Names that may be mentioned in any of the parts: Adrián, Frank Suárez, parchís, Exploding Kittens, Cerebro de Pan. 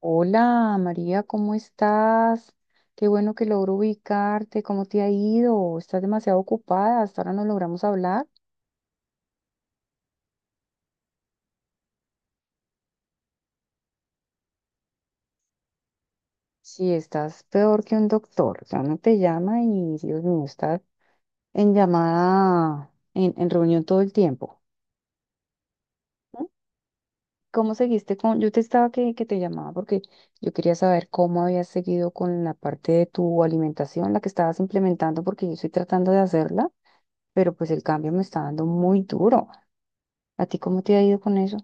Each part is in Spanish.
Hola María, ¿cómo estás? Qué bueno que logro ubicarte. ¿Cómo te ha ido? Estás demasiado ocupada. Hasta ahora no logramos hablar. Sí, estás peor que un doctor. Ya no te llama y Dios mío, estás en llamada, en reunión todo el tiempo. ¿Cómo seguiste con...? Yo te estaba que te llamaba porque yo quería saber cómo habías seguido con la parte de tu alimentación, la que estabas implementando, porque yo estoy tratando de hacerla, pero pues el cambio me está dando muy duro. ¿A ti cómo te ha ido con eso?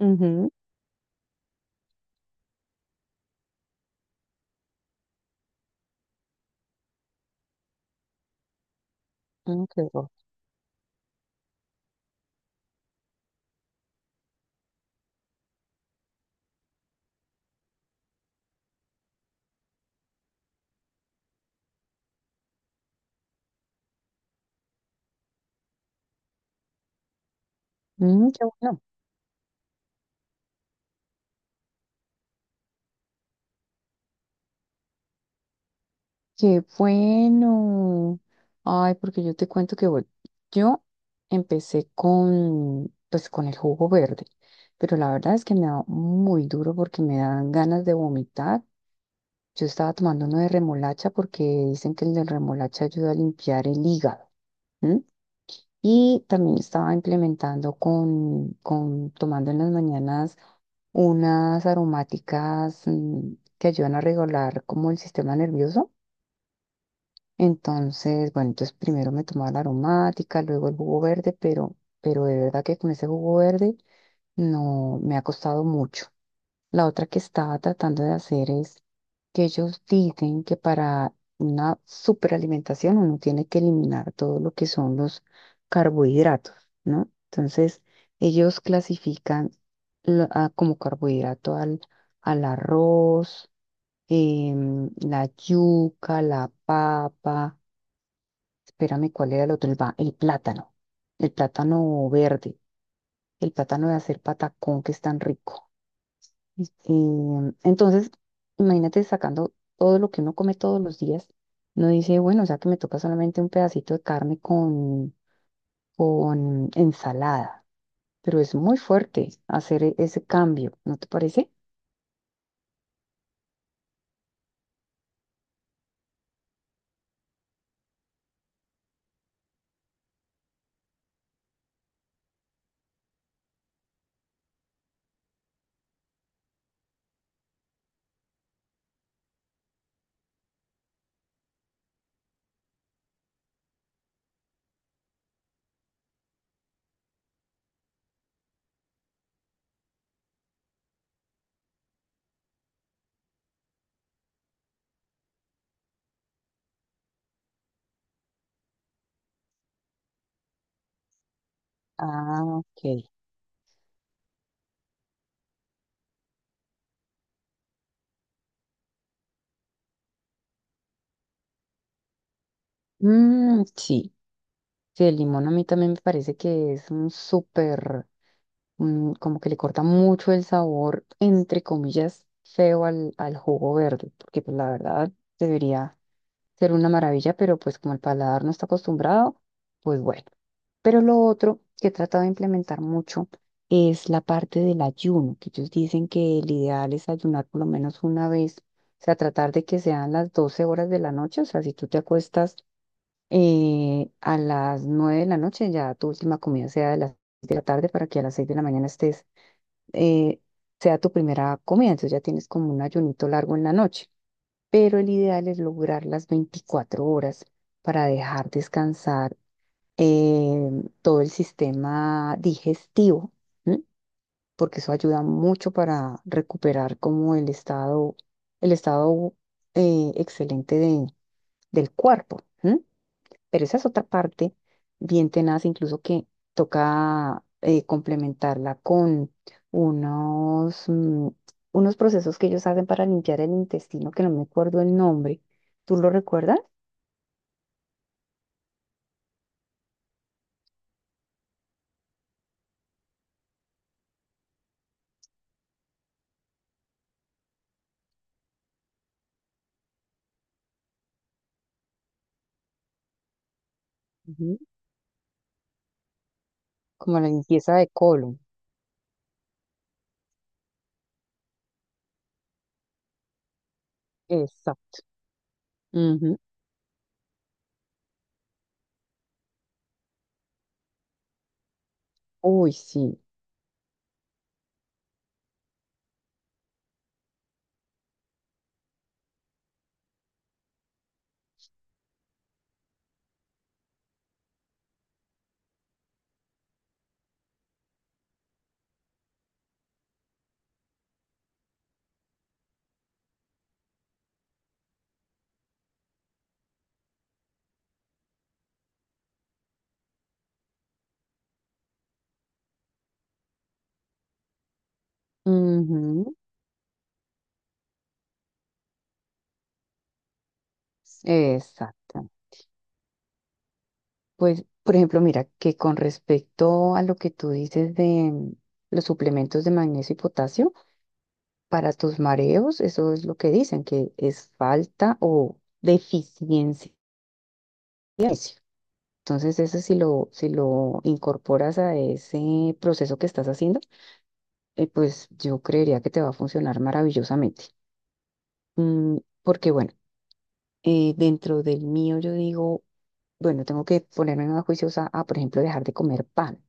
Ujú. Mm, qué bueno. Mm, qué bueno. Qué bueno. Ay, porque yo te cuento que, bueno, yo empecé con, pues, con el jugo verde, pero la verdad es que me da muy duro porque me dan ganas de vomitar. Yo estaba tomando uno de remolacha porque dicen que el de remolacha ayuda a limpiar el hígado. ¿M? Y también estaba implementando con tomando en las mañanas unas aromáticas que ayudan a regular como el sistema nervioso. Entonces, bueno, entonces primero me tomaba la aromática, luego el jugo verde, pero de verdad que con ese jugo verde no me ha costado mucho. La otra que estaba tratando de hacer es que ellos dicen que para una superalimentación uno tiene que eliminar todo lo que son los carbohidratos, ¿no? Entonces, ellos clasifican como carbohidrato al arroz, la yuca, la papa, espérame, ¿cuál era el otro? El plátano verde, el plátano de hacer patacón que es tan rico. Entonces, imagínate sacando todo lo que uno come todos los días. No dice, bueno, o sea que me toca solamente un pedacito de carne con ensalada. Pero es muy fuerte hacer ese cambio, ¿no te parece? Ah, ok. Mm, sí. Sí, el limón a mí también me parece que es un súper, mm, como que le corta mucho el sabor, entre comillas, feo al jugo verde, porque pues la verdad debería ser una maravilla, pero pues como el paladar no está acostumbrado, pues bueno. Pero lo otro que he tratado de implementar mucho es la parte del ayuno, que ellos dicen que el ideal es ayunar por lo menos una vez, o sea, tratar de que sean las 12 horas de la noche, o sea, si tú te acuestas a las 9 de la noche, ya tu última comida sea de las 6 de la tarde para que a las 6 de la mañana estés, eh, sea tu primera comida, entonces ya tienes como un ayunito largo en la noche, pero el ideal es lograr las 24 horas para dejar descansar eh, todo el sistema digestivo, ¿m? Porque eso ayuda mucho para recuperar como el estado, el estado, excelente del cuerpo. ¿M? Pero esa es otra parte bien tenaz, incluso que toca complementarla con unos, mm, unos procesos que ellos hacen para limpiar el intestino, que no me acuerdo el nombre. ¿Tú lo recuerdas? Ujú. Como la limpieza de colon. Exacto. Ujú. Uy, sí. Ujú, exacto. Pues, por ejemplo, mira, que con respecto a lo que tú dices de mm, los suplementos de magnesio y potasio, para tus mareos, eso es lo que dicen, que es falta o deficiencia de magnesio. Entonces, eso si lo incorporas a ese proceso que estás haciendo, pues yo creería que te va a funcionar maravillosamente. Mm, porque, bueno, dentro del mío yo digo, bueno, tengo que ponerme más juiciosa a, por ejemplo, dejar de comer pan,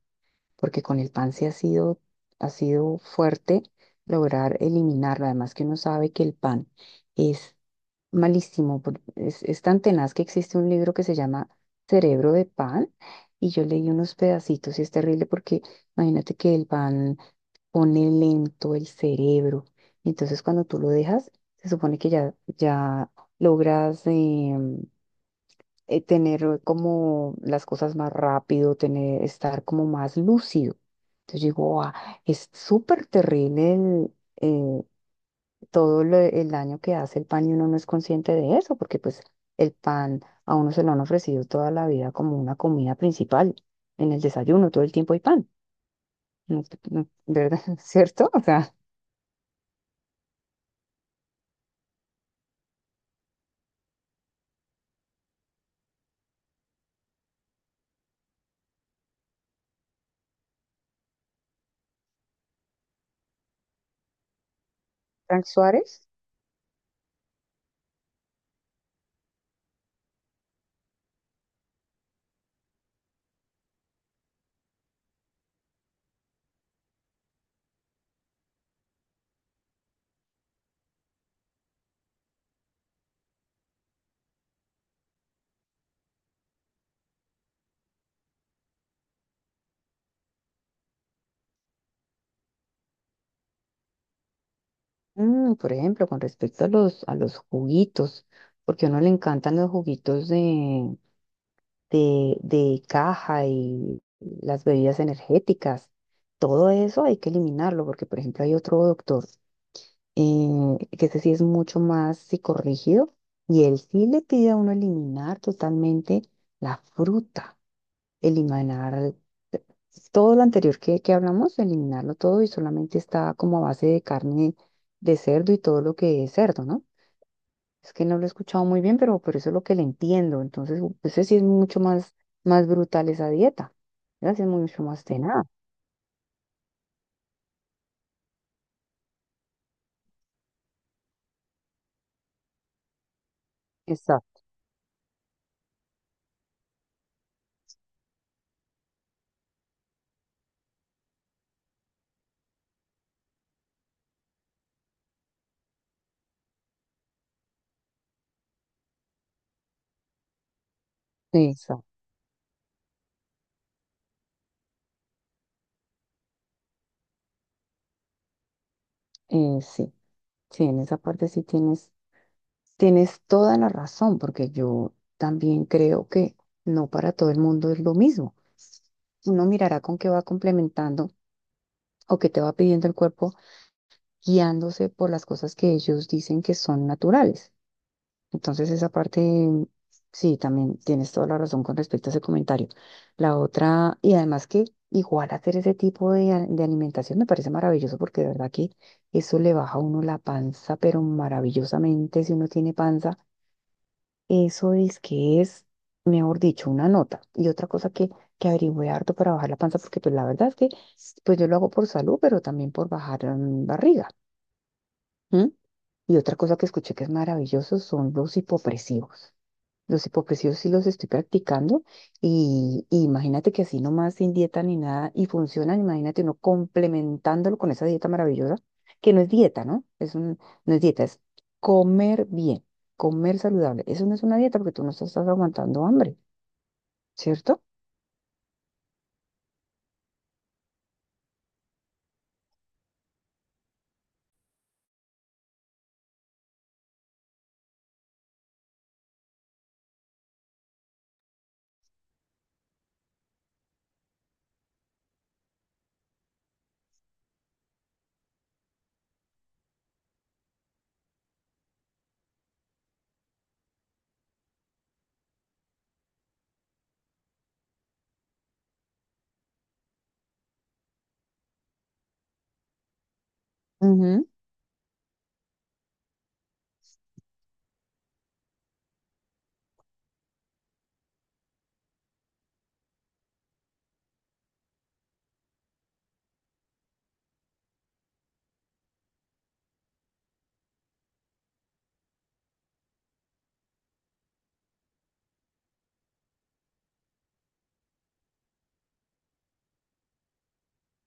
porque con el pan sí ha sido fuerte lograr eliminarlo. Además que uno sabe que el pan es malísimo, es tan tenaz que existe un libro que se llama Cerebro de Pan y yo leí unos pedacitos y es terrible porque imagínate que el pan pone lento el cerebro. Entonces cuando tú lo dejas, se supone que ya logras... tener como las cosas más rápido, tener, estar como más lúcido. Entonces yo digo, "Ah, es súper terrible el, eh, el daño que hace el pan y uno no es consciente de eso, porque pues el pan a uno se lo han ofrecido toda la vida como una comida principal. En el desayuno todo el tiempo hay pan, ¿no ¿verdad? ¿Cierto? O sea, Frank Suárez, mm, por ejemplo, con respecto a a los juguitos, porque a uno le encantan los juguitos de caja y las bebidas energéticas. Todo eso hay que eliminarlo porque, por ejemplo, hay otro doctor, que ese sí es mucho más psicorrígido y él sí le pide a uno eliminar totalmente la fruta, eliminar todo lo anterior que hablamos, eliminarlo todo y solamente está como a base de carne de cerdo y todo lo que es cerdo, ¿no? Es que no lo he escuchado muy bien, pero eso es lo que le entiendo. Entonces, ese sí es mucho más, más brutal esa dieta. Esa sí es mucho más tenaz. Exacto. Exacto. Eh, sí, sí, en esa parte sí tienes, tienes toda la razón, porque yo también creo que no para todo el mundo es lo mismo. Uno mirará con qué va complementando o qué te va pidiendo el cuerpo, guiándose por las cosas que ellos dicen que son naturales. Entonces esa parte, sí, también tienes toda la razón con respecto a ese comentario. La otra, y además que igual hacer ese tipo de alimentación me parece maravilloso porque de verdad que eso le baja a uno la panza, pero maravillosamente si uno tiene panza, eso es que es, mejor dicho, una nota. Y otra cosa que averigüé harto para bajar la panza, porque pues la verdad es que pues yo lo hago por salud, pero también por bajar mm, barriga. ¿M? Y otra cosa que escuché que es maravilloso son los hipopresivos. Los hipopresivos sí los estoy practicando y imagínate que así nomás sin dieta ni nada y funcionan, imagínate uno complementándolo con esa dieta maravillosa, que no es dieta, ¿no? Es un, no es dieta, es comer bien, comer saludable. Eso no es una dieta porque tú no estás, aguantando hambre, ¿cierto? Ujú,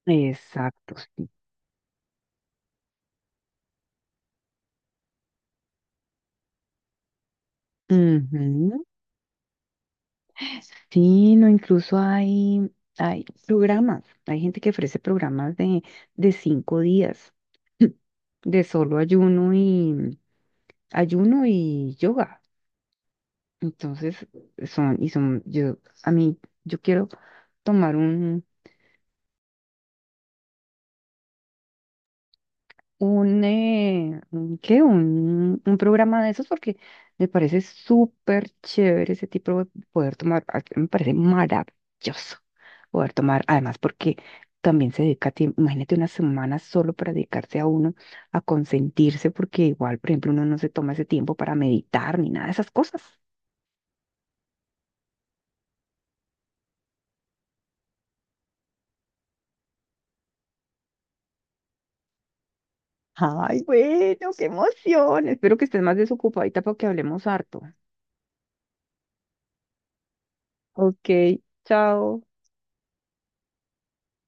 exacto, sí. Ujú. Sí, no, incluso hay, hay programas, hay gente que ofrece programas de 5 días, de solo ayuno y, ayuno y yoga. Entonces, son, y son, yo, a mí, yo quiero tomar un ¿qué? Un programa de esos porque me parece súper chévere ese tipo de poder tomar, me parece maravilloso poder tomar, además porque también se dedica, imagínate una semana solo para dedicarse a uno, a consentirse, porque igual, por ejemplo, uno no se toma ese tiempo para meditar ni nada de esas cosas. Ay, bueno, qué emoción. Espero que estés más desocupadita para que hablemos harto. Ok, chao.